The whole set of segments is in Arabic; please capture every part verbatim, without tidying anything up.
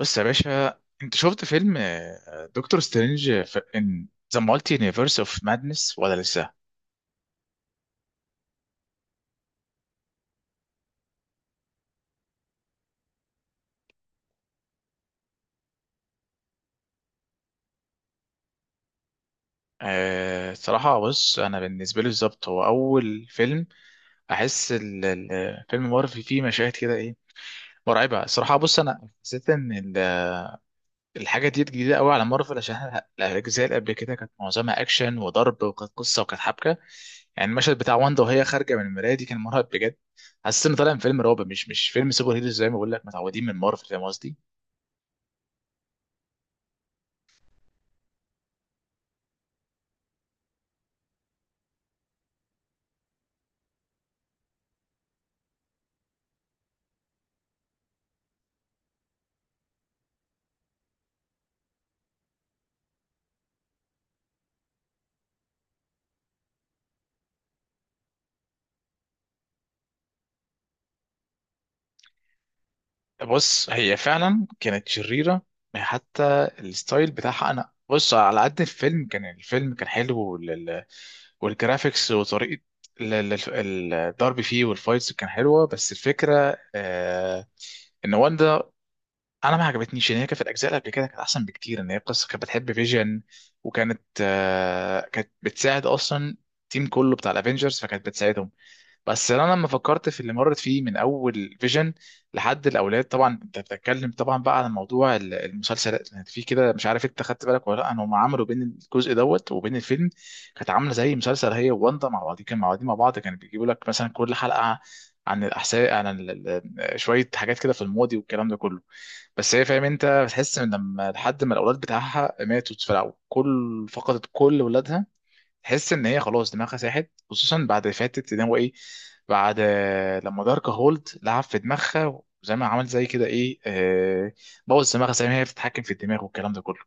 بص يا باشا، انت شفت فيلم آه، دكتور سترينج في ان ذا مالتي يونيفرس اوف مادنس ولا لسه؟ أه، صراحة بص أنا بالنسبة لي بالظبط هو أول فيلم أحس ال- ال- فيلم مارفل فيه مشاهد كده إيه مرعبة الصراحة. بص أنا حسيت إن ال- الحاجة دي جديدة قوي على مارفل، عشان ه- الأجزاء اللي قبل كده كانت معظمها أكشن وضرب، وكانت قصة وكانت حبكة. يعني المشهد بتاع واندا وهي خارجة من المراية دي كان مرعب بجد. حسيت إن طالع من فيلم رعب، مش مش فيلم سوبر هيروز زي ما بقول لك، متعودين من مارفل، فاهم قصدي. بص هي فعلا كانت شريرة، حتى الستايل بتاعها. انا بص، على قد الفيلم، كان الفيلم كان حلو وال- والجرافيكس وطريقة ال- ال- ال- الضرب فيه والفايتس كان حلوة، بس الفكرة آه ان واندا، انا ما عجبتنيش ان هي كانت. في الاجزاء اللي قبل كده كانت احسن بكتير، ان هي قصة كانت بتحب فيجن، وكانت آه كانت بتساعد اصلا التيم كله بتاع الافينجرز، فكانت بتساعدهم. بس انا لما فكرت في اللي مرت فيه من اول فيجن لحد الاولاد. طبعا انت بتتكلم طبعا بقى عن موضوع ال- المسلسل، يعني في كده، مش عارف انت خدت بالك ولا لا، هم عملوا بين الجزء دوت وبين الفيلم كانت عامله زي مسلسل، هي وواندا مع بعض، كان مع بعض مع بعض كانوا بيجيبوا لك مثلا كل حلقه عن الاحساء، عن ال- ال- شويه حاجات كده في الماضي والكلام ده كله. بس هي، فاهم، انت بتحس ان لما لحد ما الاولاد بتاعها ماتوا في الأول، كل فقدت كل ولادها، تحس ان هي خلاص دماغها ساحت، خصوصا بعد فاتت ان هو ايه، بعد آه، لما دارك هولد لعب في دماغها، وزي ما عمل زي كده ايه، آه، بوظ دماغها زي ما هي بتتحكم في الدماغ والكلام ده كله.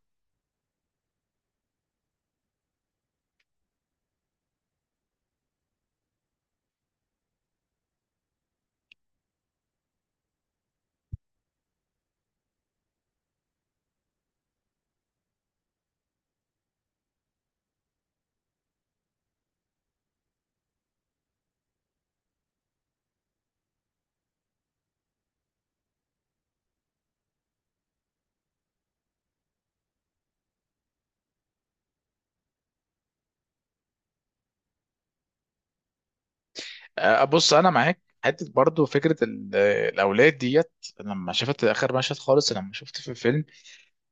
آه، بص انا معاك حته، برضو فكره ال- آه، الاولاد ديت. لما شفت اخر مشهد خالص، لما شفت في الفيلم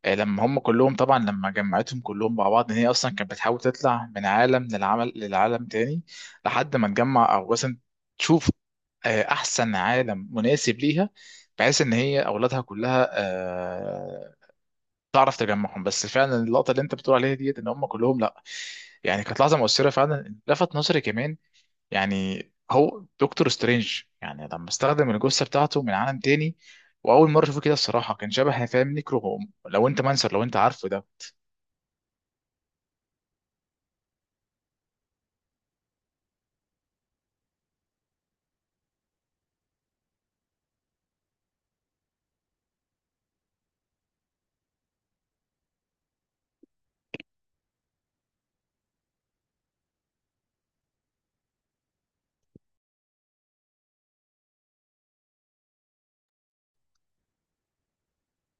آه، لما هم كلهم طبعا، لما جمعتهم كلهم مع بعض، ان هي اصلا كانت بتحاول تطلع من عالم للعمل، للعالم تاني، لحد ما تجمع او مثلا تشوف آه، احسن عالم مناسب ليها، بحيث ان هي اولادها كلها آه، تعرف تجمعهم. بس فعلا اللقطه اللي انت بتقول عليها ديت، ان هم كلهم لا، يعني كانت لحظه مؤثره فعلا، لفت نظري كمان. يعني هو دكتور سترينج، يعني لما استخدم الجثه بتاعته من عالم تاني، واول مره اشوفه كده الصراحه، كان شبه فاهم نيكرو، لو انت منسر، لو انت عارفه ده.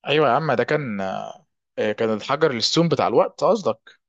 ايوه يا عم، ده كان آه، آه، كان الحجر السوم بتاع الوقت قصدك.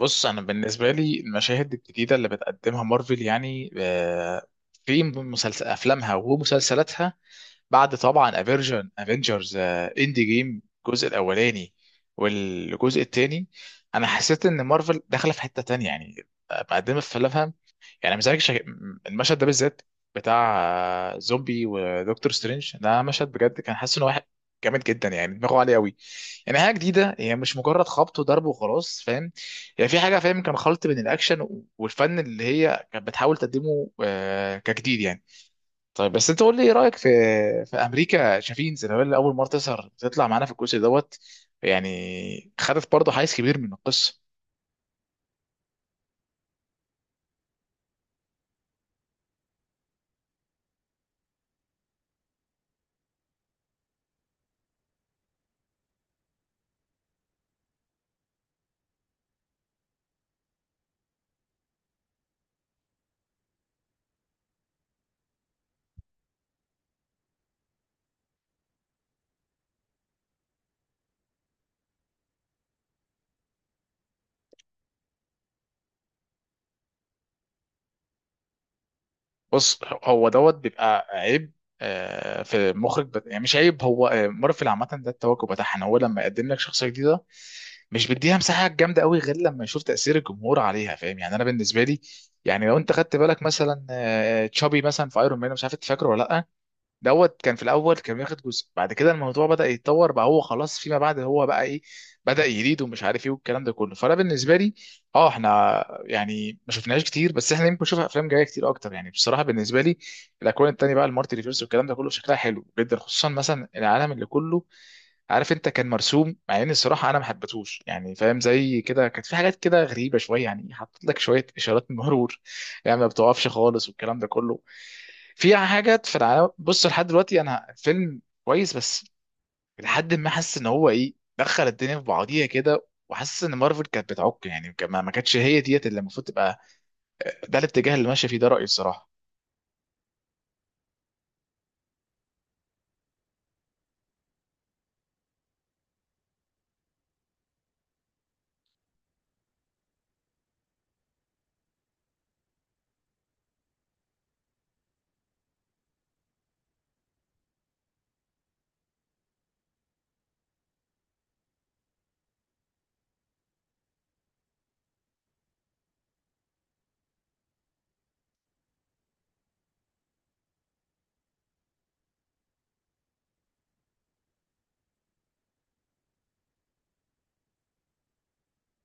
بص انا بالنسبه لي، المشاهد الجديده اللي بتقدمها مارفل، يعني آه، في مسلسل افلامها ومسلسلاتها، بعد طبعا افيرجن افنجرز اند جيم، الجزء الاولاني والجزء الثاني، انا حسيت ان مارفل داخله في حته تانية، يعني آه، مقدمه في افلامها، يعني مزعج شك... المشهد ده بالذات، بتاع آه، زومبي ودكتور سترينج، ده مشهد بجد، كان حاسس ان واحد جامد جدا، يعني دماغه عاليه قوي. يعني حاجه جديده، هي مش مجرد خبط وضرب وخلاص، فاهم، هي في حاجه، فاهم، كان خلط بين الاكشن والفن اللي هي كانت بتحاول تقدمه آه، كجديد يعني. طيب بس انت قول لي ايه رايك في في امريكا شافين زي، اللي اول مره تظهر تطلع معانا في الجزء دوت، يعني خدت برضه حيز كبير من القصه. بص هو دوت بيبقى عيب آه، في المخرج بت... يعني مش عيب، هو آه، مارفل عامة ده التوجه بتاعها، ان هو لما يقدم لك شخصية جديدة، مش بيديها مساحة جامدة قوي غير لما يشوف تأثير الجمهور عليها، فاهم، يعني انا بالنسبة لي يعني لو انت خدت بالك مثلا آه، تشابي مثلا في ايرون مان، مش عارف انت فاكره ولا لا، دوت كان في الاول كان بياخد جزء، بعد كده الموضوع بدا يتطور، بقى هو خلاص فيما بعد هو بقى ايه، بدا يريد ومش عارف ايه والكلام ده كله. فانا بالنسبه لي، اه، احنا يعني ما شفناهاش كتير، بس احنا يمكن نشوف افلام جايه كتير اكتر، يعني بصراحه بالنسبه لي الاكوان التانيه بقى المارتي ريفيرس والكلام ده كله شكلها حلو جدا، خصوصا مثلا العالم اللي كله، عارف انت، كان مرسوم. مع ان الصراحه انا ما حبيتهوش، يعني فاهم، زي كده كانت في حاجات كده غريبه شويه، يعني حاطط لك شويه اشارات مرور يعني ما بتوقفش خالص والكلام ده كله، في حاجات في العالم. بص، لحد دلوقتي، انا فيلم كويس، بس لحد ما حاسس ان هو ايه، دخل الدنيا في بعضيها كده، وحاسس ان مارفل كانت بتعك يعني، كان- ما ما كانتش هي ديت اللي المفروض تبقى ده الاتجاه اللي ماشيه فيه، ده رايي الصراحه.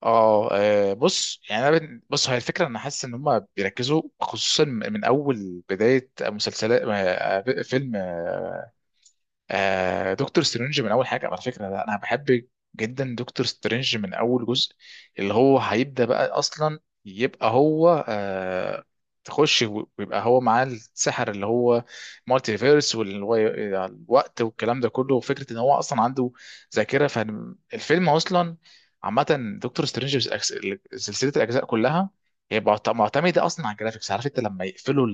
اه، آه، بص يعني انا بن- بص هي الفكره، انا حاسس ان هم بيركزوا، خصوصا من اول بدايه مسلسلات آه، آه، فيلم آه، آه دكتور سترينج. من اول حاجه، على فكره، ده انا بحب جدا دكتور سترينج من اول جزء، اللي هو هيبدا بقى اصلا، يبقى هو آه تخش و- ويبقى هو معاه السحر، اللي هو مالتي فيرس والوقت والكلام ده كله، وفكره ان هو اصلا عنده ذاكره. فالفيلم اصلا، عامه، دكتور سترينج بس- سلسله الاجزاء كلها، هي معت- معتمده اصلا على الجرافيكس. عارف انت لما يقفلوا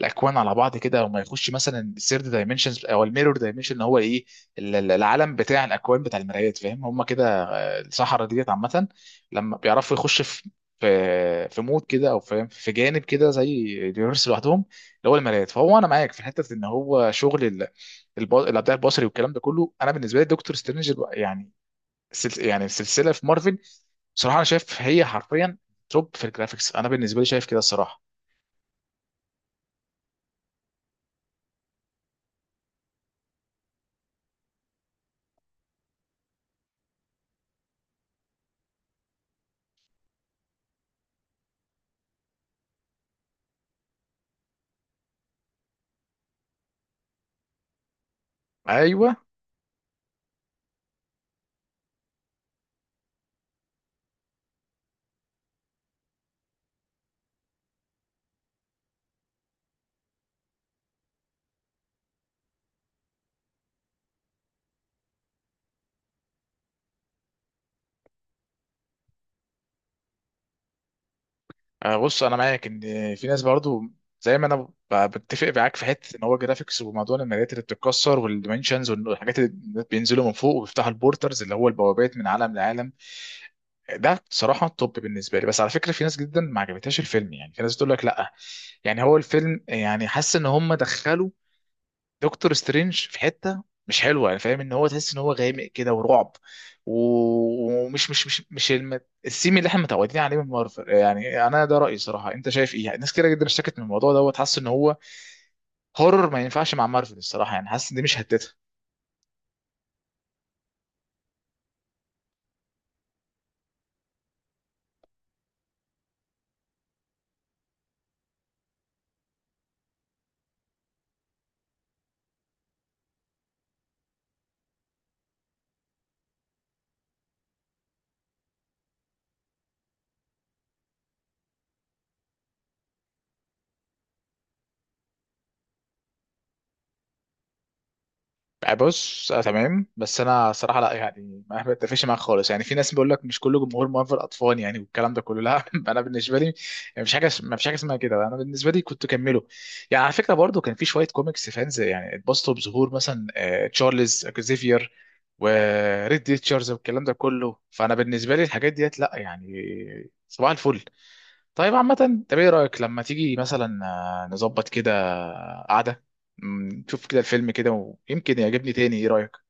الاكوان على بعض كده، وما يخش مثلا الثيرد دايمنشنز او الميرور دايمنشن، اللي هو ايه ال- ال- العالم بتاع الاكوان بتاع المرايات، فاهم، هم كده الصحراء ديت عامه، لما بيعرفوا يخش في في في مود كده او فاهم في جانب كده زي اليونيفرس لوحدهم، اللي هو المرايات. فهو انا معاك في حته ان هو شغل ال- الب- الابداع البصري والكلام ده كله، انا بالنسبه لي دكتور سترينج يعني سلس- يعني السلسله في مارفل، بصراحه انا شايف هي حرفيا توب في الجرافيكس، انا بالنسبه لي شايف كده الصراحه. ايوه، آه، بص انا معاك ان في ناس برضو، زي ما انا ب- بتفق معاك في حته ان هو جرافيكس وموضوع الماليات اللي بتتكسر والديمنشنز والحاجات اللي بينزلوا من فوق وبيفتحوا البورترز، اللي هو البوابات من عالم لعالم، ده صراحه توب بالنسبه لي. بس على فكره، في ناس جدا ما عجبتهاش الفيلم، يعني في ناس بتقول لك لا، يعني هو الفيلم، يعني حاسس ان هم دخلوا دكتور سترينج في حته مش حلوه، يعني فاهم، ان هو تحس ان هو غامق كده ورعب، و- ومش مش مش مش الم- السيم اللي احنا متعودين عليه من مارفل. يعني انا ده رايي صراحه، انت شايف ايه؟ يعني ناس كده جدا اشتكت من الموضوع دوت، حاسس ان هو هورر، ما ينفعش مع مارفل الصراحه، يعني حاسس ان دي مش هتتها. آه، بص، آه تمام، بس انا صراحه لا، يعني ما بتفقش معاك خالص. يعني في ناس بيقول لك مش كله جمهور مؤهل اطفال يعني والكلام ده كله، لا انا بالنسبه لي يعني مش حاجه، ما فيش حاجه اسمها كده، انا بالنسبه لي كنت كمله. يعني على فكره، برضو كان في شويه كوميكس فانز، يعني اتبسطوا بظهور مثلا آه، تشارلز اكزيفير وريد ريتشاردز والكلام ده كله، فانا بالنسبه لي الحاجات ديت لا يعني. صباح الفل. طيب عامة، طب ايه رأيك لما تيجي مثلا آه، نظبط كده قعدة، م، نشوف كده الفيلم كده، ويمكن يعجبني تاني، ايه رأيك؟